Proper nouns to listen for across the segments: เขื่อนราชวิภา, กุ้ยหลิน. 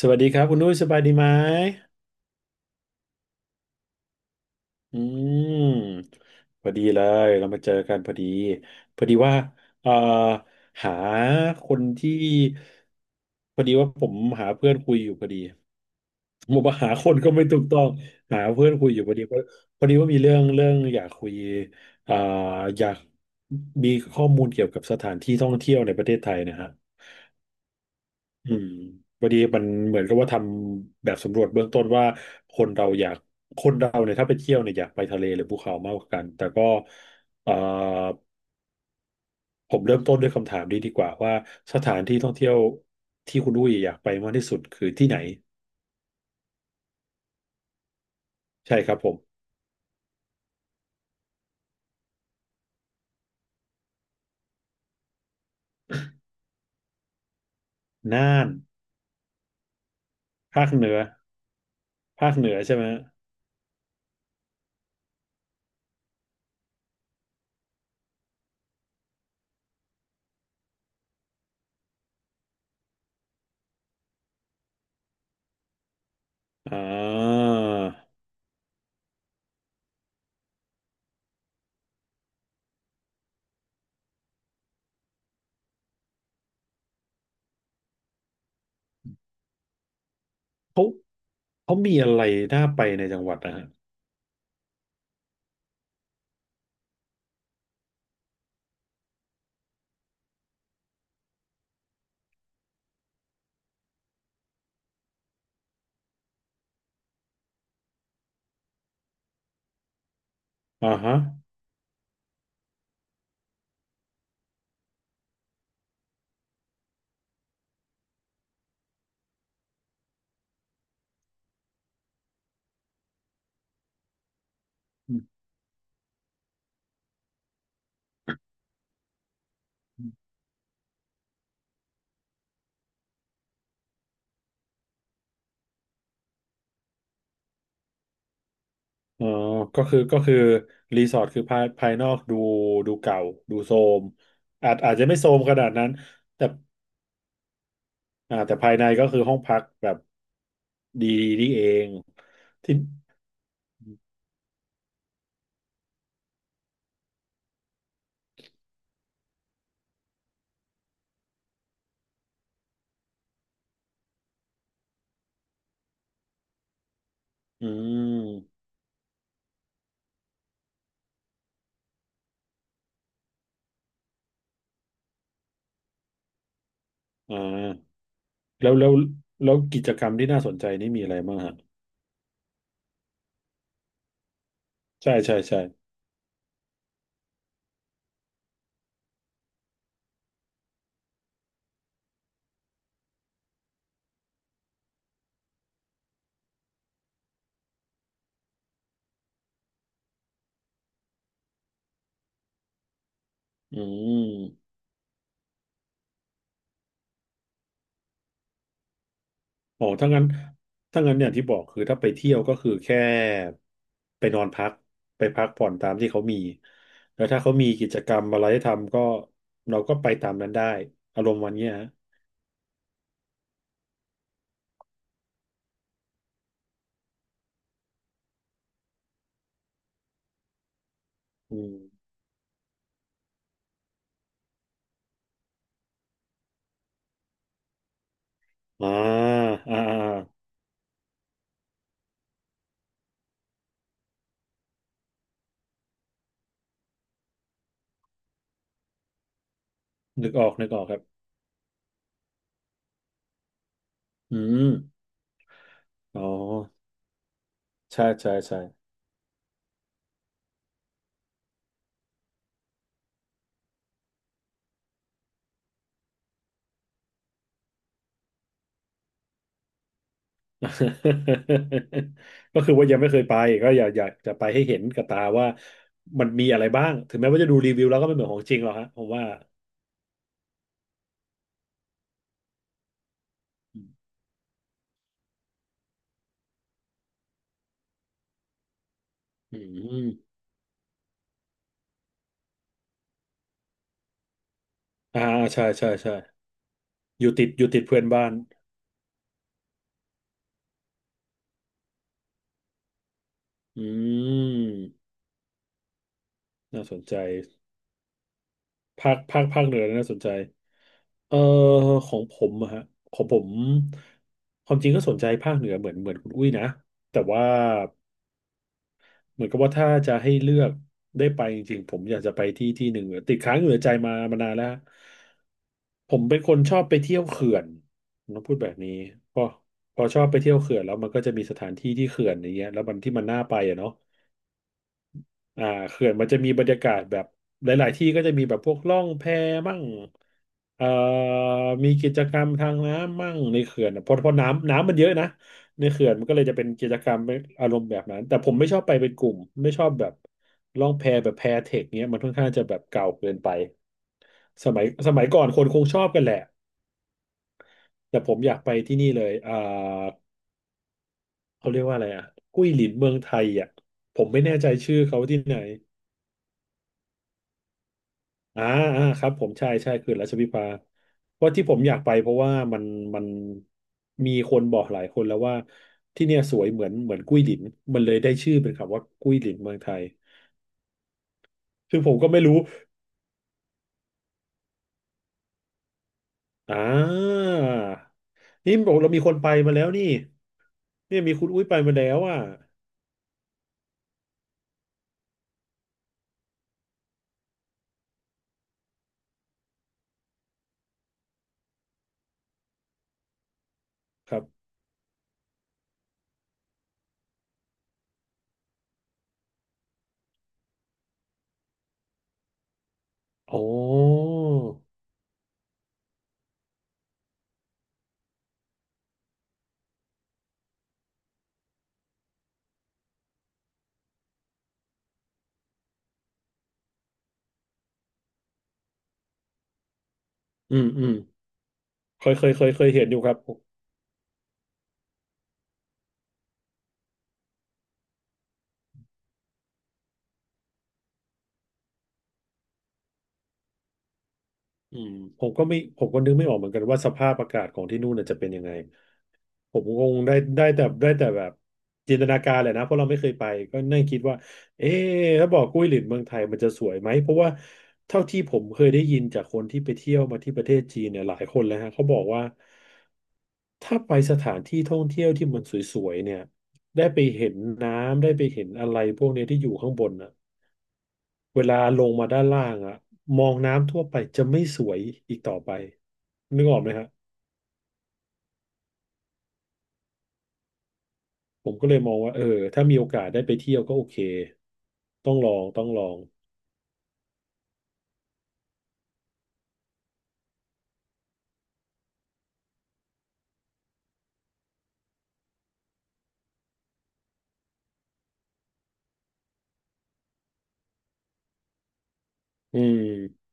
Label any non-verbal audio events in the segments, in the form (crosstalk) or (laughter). สวัสดีครับคุณนุ้ยสบายดีไหมอืมพอดีเลยเรามาเจอกันพอดีพอดีว่าเอ่อหาคนที่พอดีว่าผมหาเพื่อนคุยอยู่พอดีผมว่าหาคนก็ไม่ถูกต้องหาเพื่อนคุยอยู่พอดีเพราะพอดีว่ามีเรื่องอยากคุยเอ่ออยากมีข้อมูลเกี่ยวกับสถานที่ท่องเที่ยวในประเทศไทยนะฮะ อืมวันนี้มันเหมือนกับว่าทำแบบสำรวจเบื้องต้นว่าคนเราอยากคนเราเนี่ยถ้าไปเที่ยวเนี่ยอยากไปทะเลหรือภูเขามากกว่ากัน แต่ก็เอ่อผมเริ่มต้นด้วยคำถามนี้ดีกว่าว่าสถานที่ท่องเที่ยวที่คุณอุ้ยอยากไปมากที่สุดคือที่ไหนใช่ครับผมน่านภาคเหนือภาคเหนือใช่ไหมอ่าเขาเขามีอะไรน่าไปในจังหวัดนะฮะอ่าฮะ อ๋อก็คือรีสอร์ทคือภายนอกดูดูเก่าดูโทรมอาจจะไม่โทรมขนาดนั้นแต่อ่าแต่ภายในก็คือห้องพักแบบดีนี่เองที่อืมอ่าแล้วแล้วกิจกรรมที่น่าสนใจนี่มีอะไรบ้างฮะใช่ใช่ใช่อืม อ๋อถ้างั้นอย่างที่บอกคือถ้าไปเที่ยวก็คือแค่ไปนอนพักไปพักผ่อนตามที่เขามีแล้วถ้าเขามีกิจกรรมอะไรให้ทำก็เราก็ไปตามนั้นได้อารมณ์วันเนี้ยฮะอืมอ่าอ่าอ่านึกออกครับอืมอ๋อใช่ใช่ใช่ (laughs) ก็คือว่ายังไม่เคยไปก็อยากจะไปให้เห็นกับตาว่ามันมีอะไรบ้างถึงแม้ว่าจะดูรีวิวแล้วก็ไม่เหมือนของจริงหรอกฮะผมว่าอืม อ่าใช่ใช่ใช่อยู่ติดเพื่อนบ้านอืมน่าสนใจภาคเหนือน่าสนใจเอ่อของผมอะฮะของผมความจริงก็สนใจภาคเหนือเหมือนคุณอุ้ยนะแต่ว่าเหมือนกับว่าถ้าจะให้เลือกได้ไปจริงๆผมอยากจะไปที่ที่หนึ่งติดค้างอยู่ในใจมามานานแล้วฮะผมเป็นคนชอบไปเที่ยวเขื่อนผมต้องพูดแบบนี้พอพอชอบไปเที่ยวเขื่อนแล้วมันก็จะมีสถานที่ที่เขื่อนอย่างเงี้ยแล้วมันที่มันน่าไปอะเนาะ อ่าเขื่อนมันจะมีบรรยากาศแบบหลายๆที่ก็จะมีแบบพวกล่องแพมั่งเอ่อมีกิจกรรมทางน้ำมั่งในเขื่อนอะเพราะเพราะน้ำมันเยอะนะในเขื่อนมันก็เลยจะเป็นกิจกรรมอารมณ์แบบนั้นแต่ผมไม่ชอบไปเป็นกลุ่มไม่ชอบแบบล่องแพแบบแพเทคเนี้ยมันค่อนข้างจะแบบเก่าเกินไปสมัยก่อนคนคงชอบกันแหละแต่ผมอยากไปที่นี่เลยอ่าเขาเรียกว่าอะไรอ่ะกุ้ยหลินเมืองไทยอ่ะผมไม่แน่ใจชื่อเขาที่ไหน อ่าอ่าครับผมใช่ใช่เขื่อนราชวิภาเพราะที่ผมอยากไปเพราะว่ามันมันมีคนบอกหลายคนแล้วว่าที่เนี่ยสวยเหมือนกุ้ยหลินมันเลยได้ชื่อเป็นคำว่ากุ้ยหลินเมืองไทยซึ่งผมก็ไม่รู้อ่านี่บอกเรามีคนไปมาแล้วนี่เนี่ยมีคุณอุ้ยไปมาแล้วอ่ะครับอ๋ออืมอืมเคยเห็นอยู่ครับอืมผมก็ไม่ผมก็นึกไม่ออกเหมือนกันว่าสภาพอากาศของที่นู่นน่ะจะเป็นยังไง ผมคงได้ได้แต่แบบจินตนาการแหละนะเพราะเราไม่เคยไปก็นั่งคิดว่าเอ๊ะถ้าบอกกุ้ยหลินเมืองไทยมันจะสวยไหมเพราะว่าเท่าที่ผมเคยได้ยินจากคนที่ไปเที่ยวมาที่ประเทศจีนเนี่ยหลายคนแล้วฮะเขาบอกว่าถ้าไปสถานที่ท่องเที่ยวที่มันสวยๆเนี่ยได้ไปเห็นน้ำได้ไปเห็นอะไรพวกเนี้ยที่อยู่ข้างบนอ่ะเวลาลงมาด้านล่างอ่ะมองน้ำทั่วไปจะไม่สวยอีกต่อไปนึกออกไหมฮะ ผมก็เลยมองว่าเออถ้ามีโอกาสได้ไปเที่ยวก็โอเคต้องลองอืม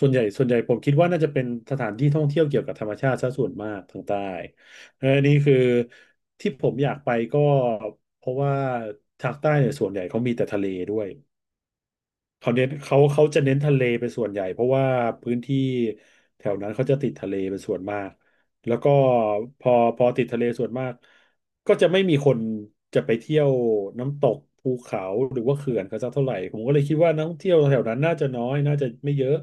ส่วนใหญ่ผมคิดว่าน่าจะเป็นสถานที่ท่องเที่ยวเกี่ยวกับธรรมชาติซะส่วนมากทางใต้เออนี่คือที่ผมอยากไปก็เพราะว่าทางใต้เนี่ยส่วนใหญ่เขามีแต่ทะเลด้วย เขาเน้นเขาจะเน้นทะเลเป็นส่วนใหญ่เพราะว่าพื้นที่แถวนั้นเขาจะติดทะเลเป็นส่วนมากแล้วก็พอพอติดทะเลส่วนมากก็จะไม่มีคนจะไปเที่ยวน้ำตกภูเขาหรือว่าเขื่อนกันสักเท่าไหร่ผมก็เลยคิดว่านักท่องเที่ยวแถวนั้นน่าจะน้อยน่าจะไม่เยอะ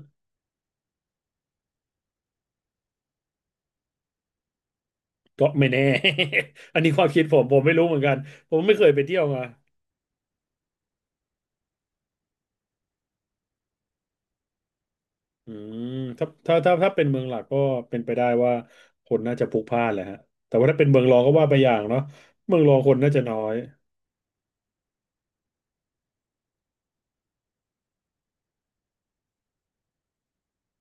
ก็ไม่แน่ (laughs) อันนี้ความคิดผมผมไม่รู้เหมือนกันผมไม่เคยไปเที่ยวมา อืมถ้าเป็นเมืองหลักก็เป็นไปได้ว่าคนน่าจะพลุกพล่านแหละฮะแต่ว่าถ้าเป็นเมืองรองก็ว่าไปอย่างเนาะเมืองรองคนน่าจะน้อย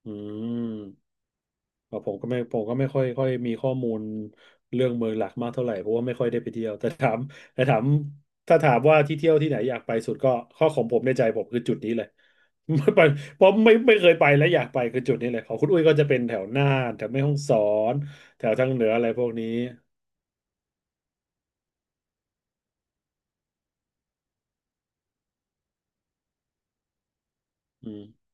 อืมเพ่อผมก็ไม่ผมก็ไม่ค่อยค่อยมีข้อมูลเรื่องเมืองหลักมากเท่าไหร่เพราะว่าไม่ค่อยได้ไปเที่ยวแต่ถามถ้าถามว่าที่เที่ยวที่ไหนอยากไปสุดก็ข้อของผมในใจผมคือจุดนี้เลย (laughs) ไม่ไปเพราะไม่ไม่เคยไปและอยากไปคือจุดนี้เลยของคุณอุ้ยก็จะเป็นแถวน่านแถวแม่ฮ่องสอนแถวทางเหนืออะไรพวกนี้อืม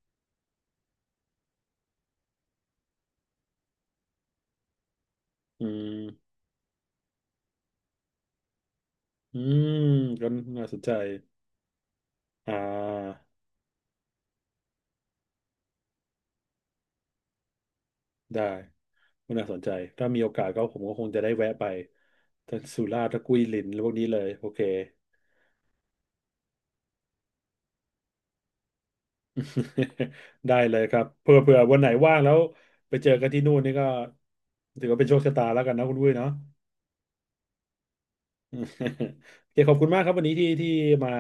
อืม อืมก็น่าสนใจอ่าได้ก็น่าสนใจถ้ามีโอกาสก็ผมก็คงจะได้แวะไปทั้งสุราษฎร์ทั้งกุยลินพวกนี้เลยโอเค (laughs) ได้เลยครับเผื่อวันไหนว่างแล้วไปเจอกันที่นู่นนี่ก็ถือว่าเป็นโชคชะตาแล้วกันนะคุณวุ้ยเนาะ (laughs) อืมโอเคขอบคุณมากครับวันนี้ที่ที่มา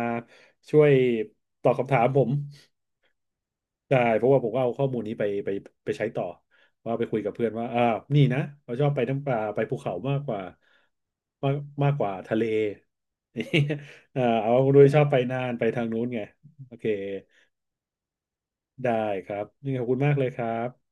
ช่วยตอบคำถามผม ใช่เพราะว่าผมก็เอาข้อมูลนี้ไปใช้ต่อว่าไปคุยกับเพื่อนว่าอ่านี่นะเราชอบไปน้ำปลาไปภูเขามากกว่ามากมากกว่าทะเล (laughs) อ่าเอาโดยชอบไปน่านไปทางนู้นไงโอเคได้ครับนี่ขอบคุณมากเลยครับ